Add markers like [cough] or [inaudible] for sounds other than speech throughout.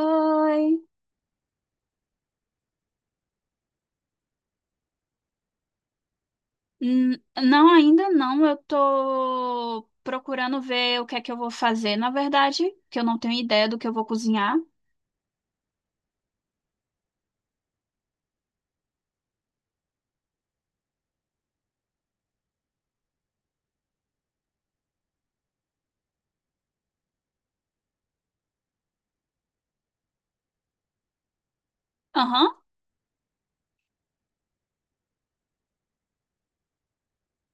Oi. Hum, Não, ainda não. Eu tô procurando ver o que é que eu vou fazer, na verdade, que eu não tenho ideia do que eu vou cozinhar. Aham.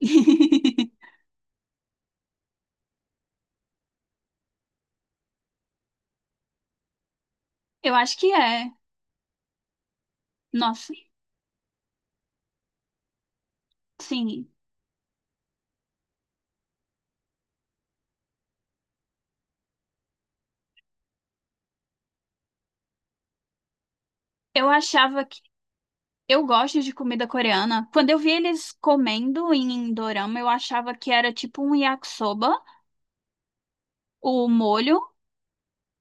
[laughs] Eu acho que é. Nossa, sim. Eu achava que eu gosto de comida coreana. Quando eu vi eles comendo em dorama, eu achava que era tipo um yakisoba, o molho.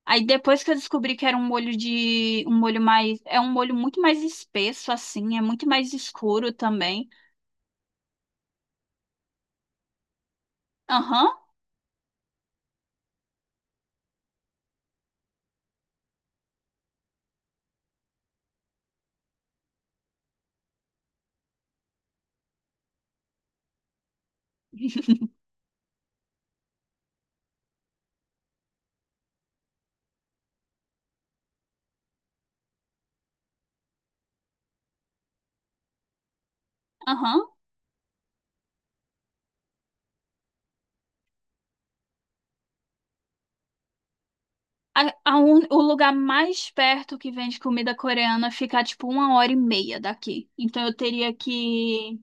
Aí depois que eu descobri que era um molho de um molho mais, é um molho muito mais espesso assim, é muito mais escuro também. Aham. Aham. O lugar mais perto que vende comida coreana fica tipo 1 hora e meia daqui. Então eu teria que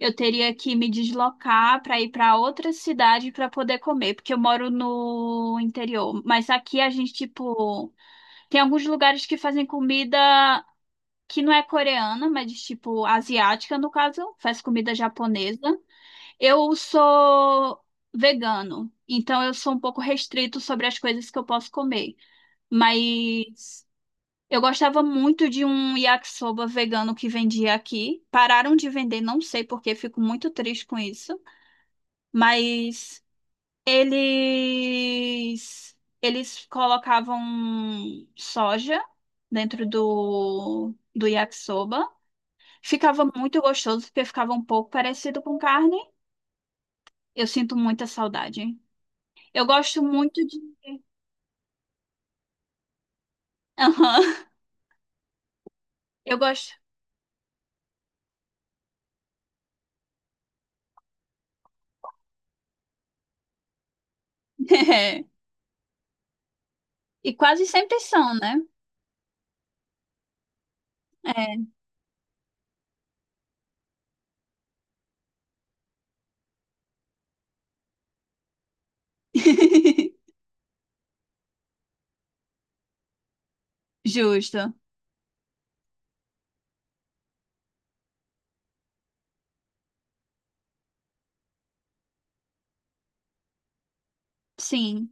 eu teria que me deslocar para ir para outra cidade para poder comer, porque eu moro no interior. Mas aqui a gente tipo tem alguns lugares que fazem comida que não é coreana, mas tipo asiática no caso, faz comida japonesa. Eu sou vegano, então eu sou um pouco restrito sobre as coisas que eu posso comer. Mas eu gostava muito de um yakisoba vegano que vendia aqui. Pararam de vender, não sei porque, fico muito triste com isso. Mas eles eles colocavam soja dentro do yakisoba. Ficava muito gostoso porque ficava um pouco parecido com carne. Eu sinto muita saudade. Eu gosto muito de [laughs] Aham, eu gosto. [laughs] E quase sempre são, né? É. [laughs] Justo. Sim.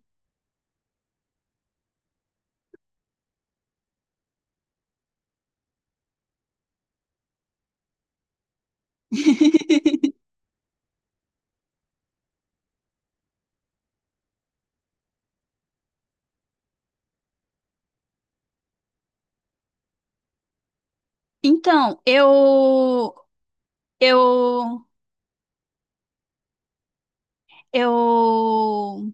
[laughs] Então, eu eu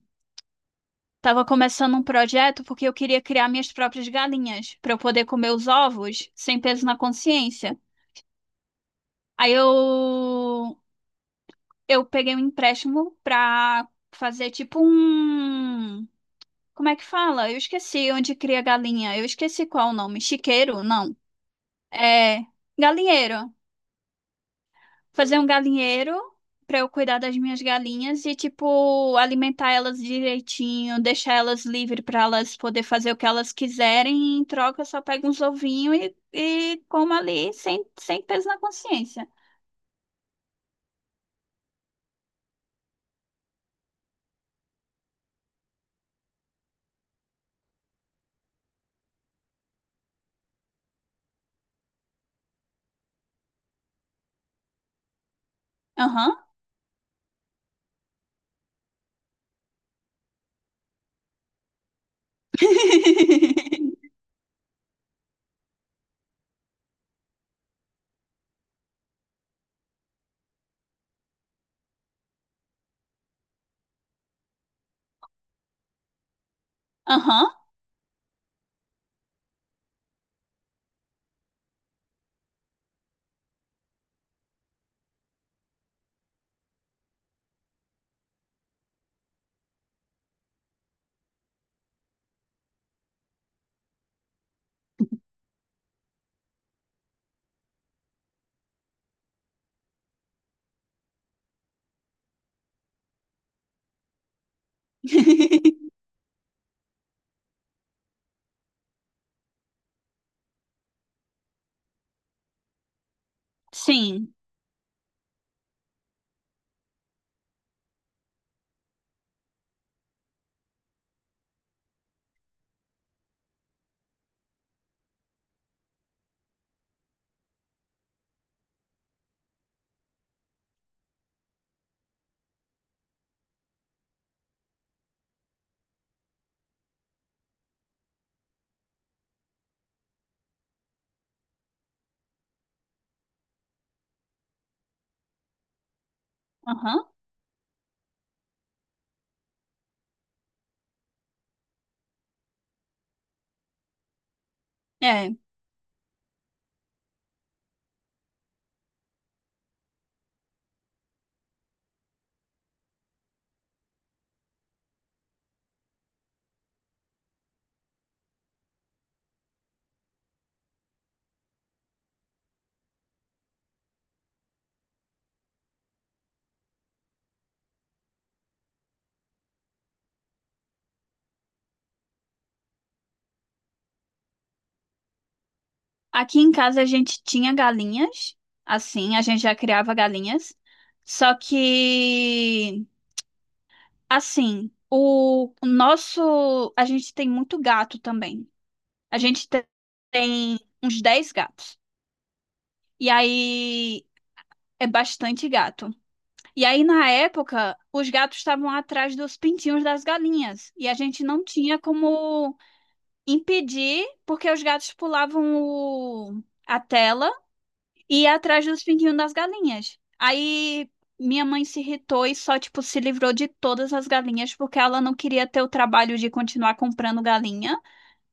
tava começando um projeto porque eu queria criar minhas próprias galinhas para eu poder comer os ovos sem peso na consciência. Aí eu peguei um empréstimo para fazer tipo um. Como é que fala? Eu esqueci onde cria galinha. Eu esqueci qual o nome. Chiqueiro? Não. É galinheiro. Fazer um galinheiro pra eu cuidar das minhas galinhas e, tipo, alimentar elas direitinho, deixar elas livres pra elas poder fazer o que elas quiserem. E em troca, eu só pego uns ovinhos e como ali sem, sem peso na consciência. Aham. [laughs] Aham. [laughs] Sim. Aham. É. Aqui em casa a gente tinha galinhas, assim, a gente já criava galinhas. Só que, assim, o nosso. A gente tem muito gato também. A gente tem uns 10 gatos. E aí é bastante gato. E aí, na época, os gatos estavam atrás dos pintinhos das galinhas. E a gente não tinha como impedir, porque os gatos pulavam a tela e ia atrás dos pinguinhos das galinhas. Aí minha mãe se irritou e só, tipo, se livrou de todas as galinhas, porque ela não queria ter o trabalho de continuar comprando galinha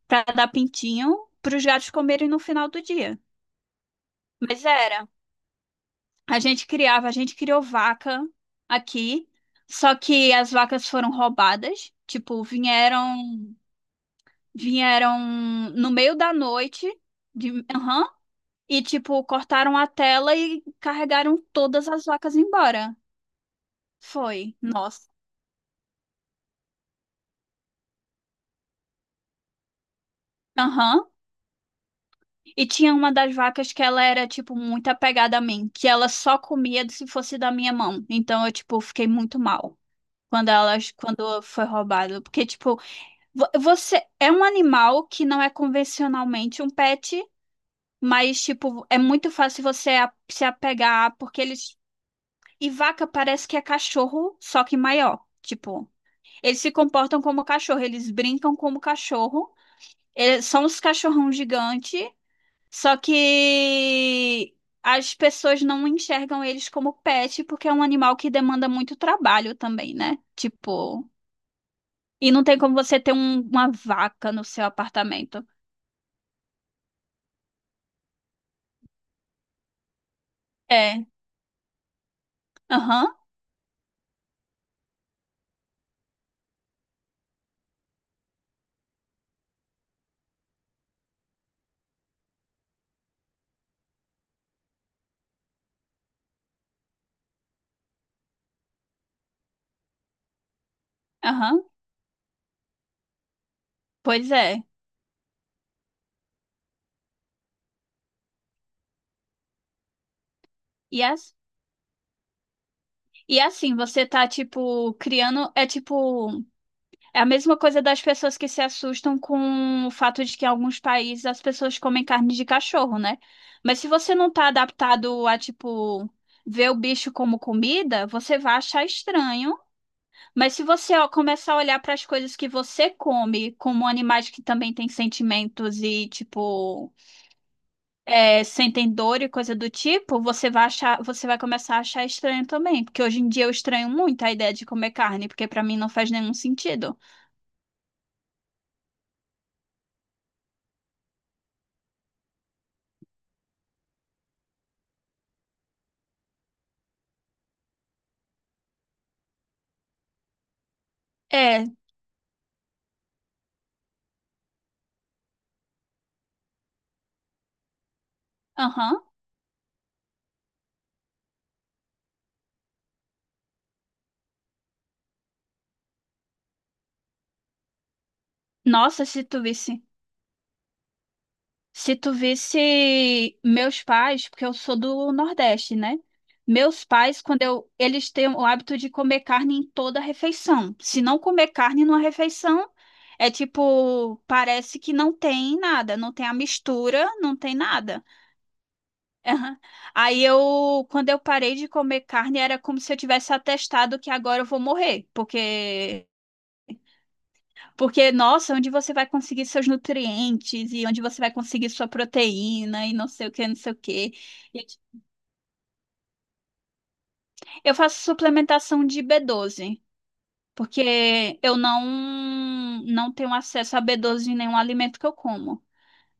pra dar pintinho pros gatos comerem no final do dia. Mas era. A gente criava, a gente criou vaca aqui, só que as vacas foram roubadas. Tipo, vieram no meio da noite, de, aham, e tipo, cortaram a tela e carregaram todas as vacas embora. Foi, nossa. Aham. E tinha uma das vacas que ela era, tipo, muito apegada a mim, que ela só comia se fosse da minha mão. Então eu, tipo, fiquei muito mal quando elas, quando foi roubado. Porque, tipo, você é um animal que não é convencionalmente um pet, mas, tipo, é muito fácil você se apegar, porque eles. E vaca parece que é cachorro, só que maior. Tipo, eles se comportam como cachorro, eles brincam como cachorro. Eles são os cachorrão gigante. Só que as pessoas não enxergam eles como pet porque é um animal que demanda muito trabalho também, né? Tipo, e não tem como você ter uma vaca no seu apartamento. É, aham, aham, pois é. E, as, e assim, você tá, tipo, criando. É tipo. É a mesma coisa das pessoas que se assustam com o fato de que em alguns países as pessoas comem carne de cachorro, né? Mas se você não tá adaptado a, tipo, ver o bicho como comida, você vai achar estranho. Mas se você ó, começar a olhar para as coisas que você come como animais que também têm sentimentos e, tipo, é, sentem dor e coisa do tipo, você vai achar, você vai começar a achar estranho também. Porque hoje em dia eu estranho muito a ideia de comer carne, porque para mim não faz nenhum sentido. É, aham. Nossa, se tu visse meus pais, porque eu sou do Nordeste, né? Meus pais, quando eu, eles têm o hábito de comer carne em toda refeição. Se não comer carne numa refeição, é tipo, parece que não tem nada, não tem a mistura, não tem nada. Aham. Aí eu, quando eu parei de comer carne, era como se eu tivesse atestado que agora eu vou morrer, porque. Porque, nossa, onde você vai conseguir seus nutrientes e onde você vai conseguir sua proteína e não sei o que, não sei o que. Eu faço suplementação de B12, porque eu não, não tenho acesso a B12 em nenhum alimento que eu como.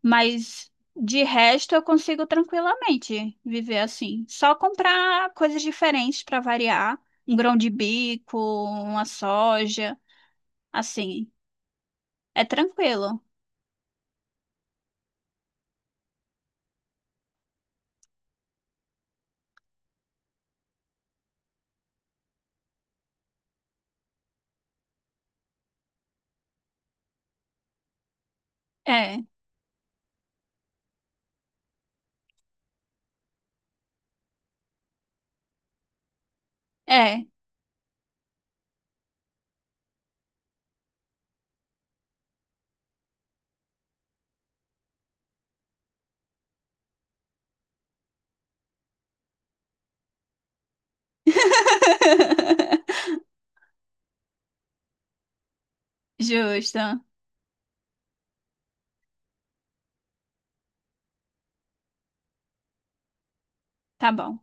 Mas, de resto, eu consigo tranquilamente viver assim. Só comprar coisas diferentes para variar. Um grão de bico, uma soja, assim. É tranquilo. É, é. [laughs] Justo. Tá bom.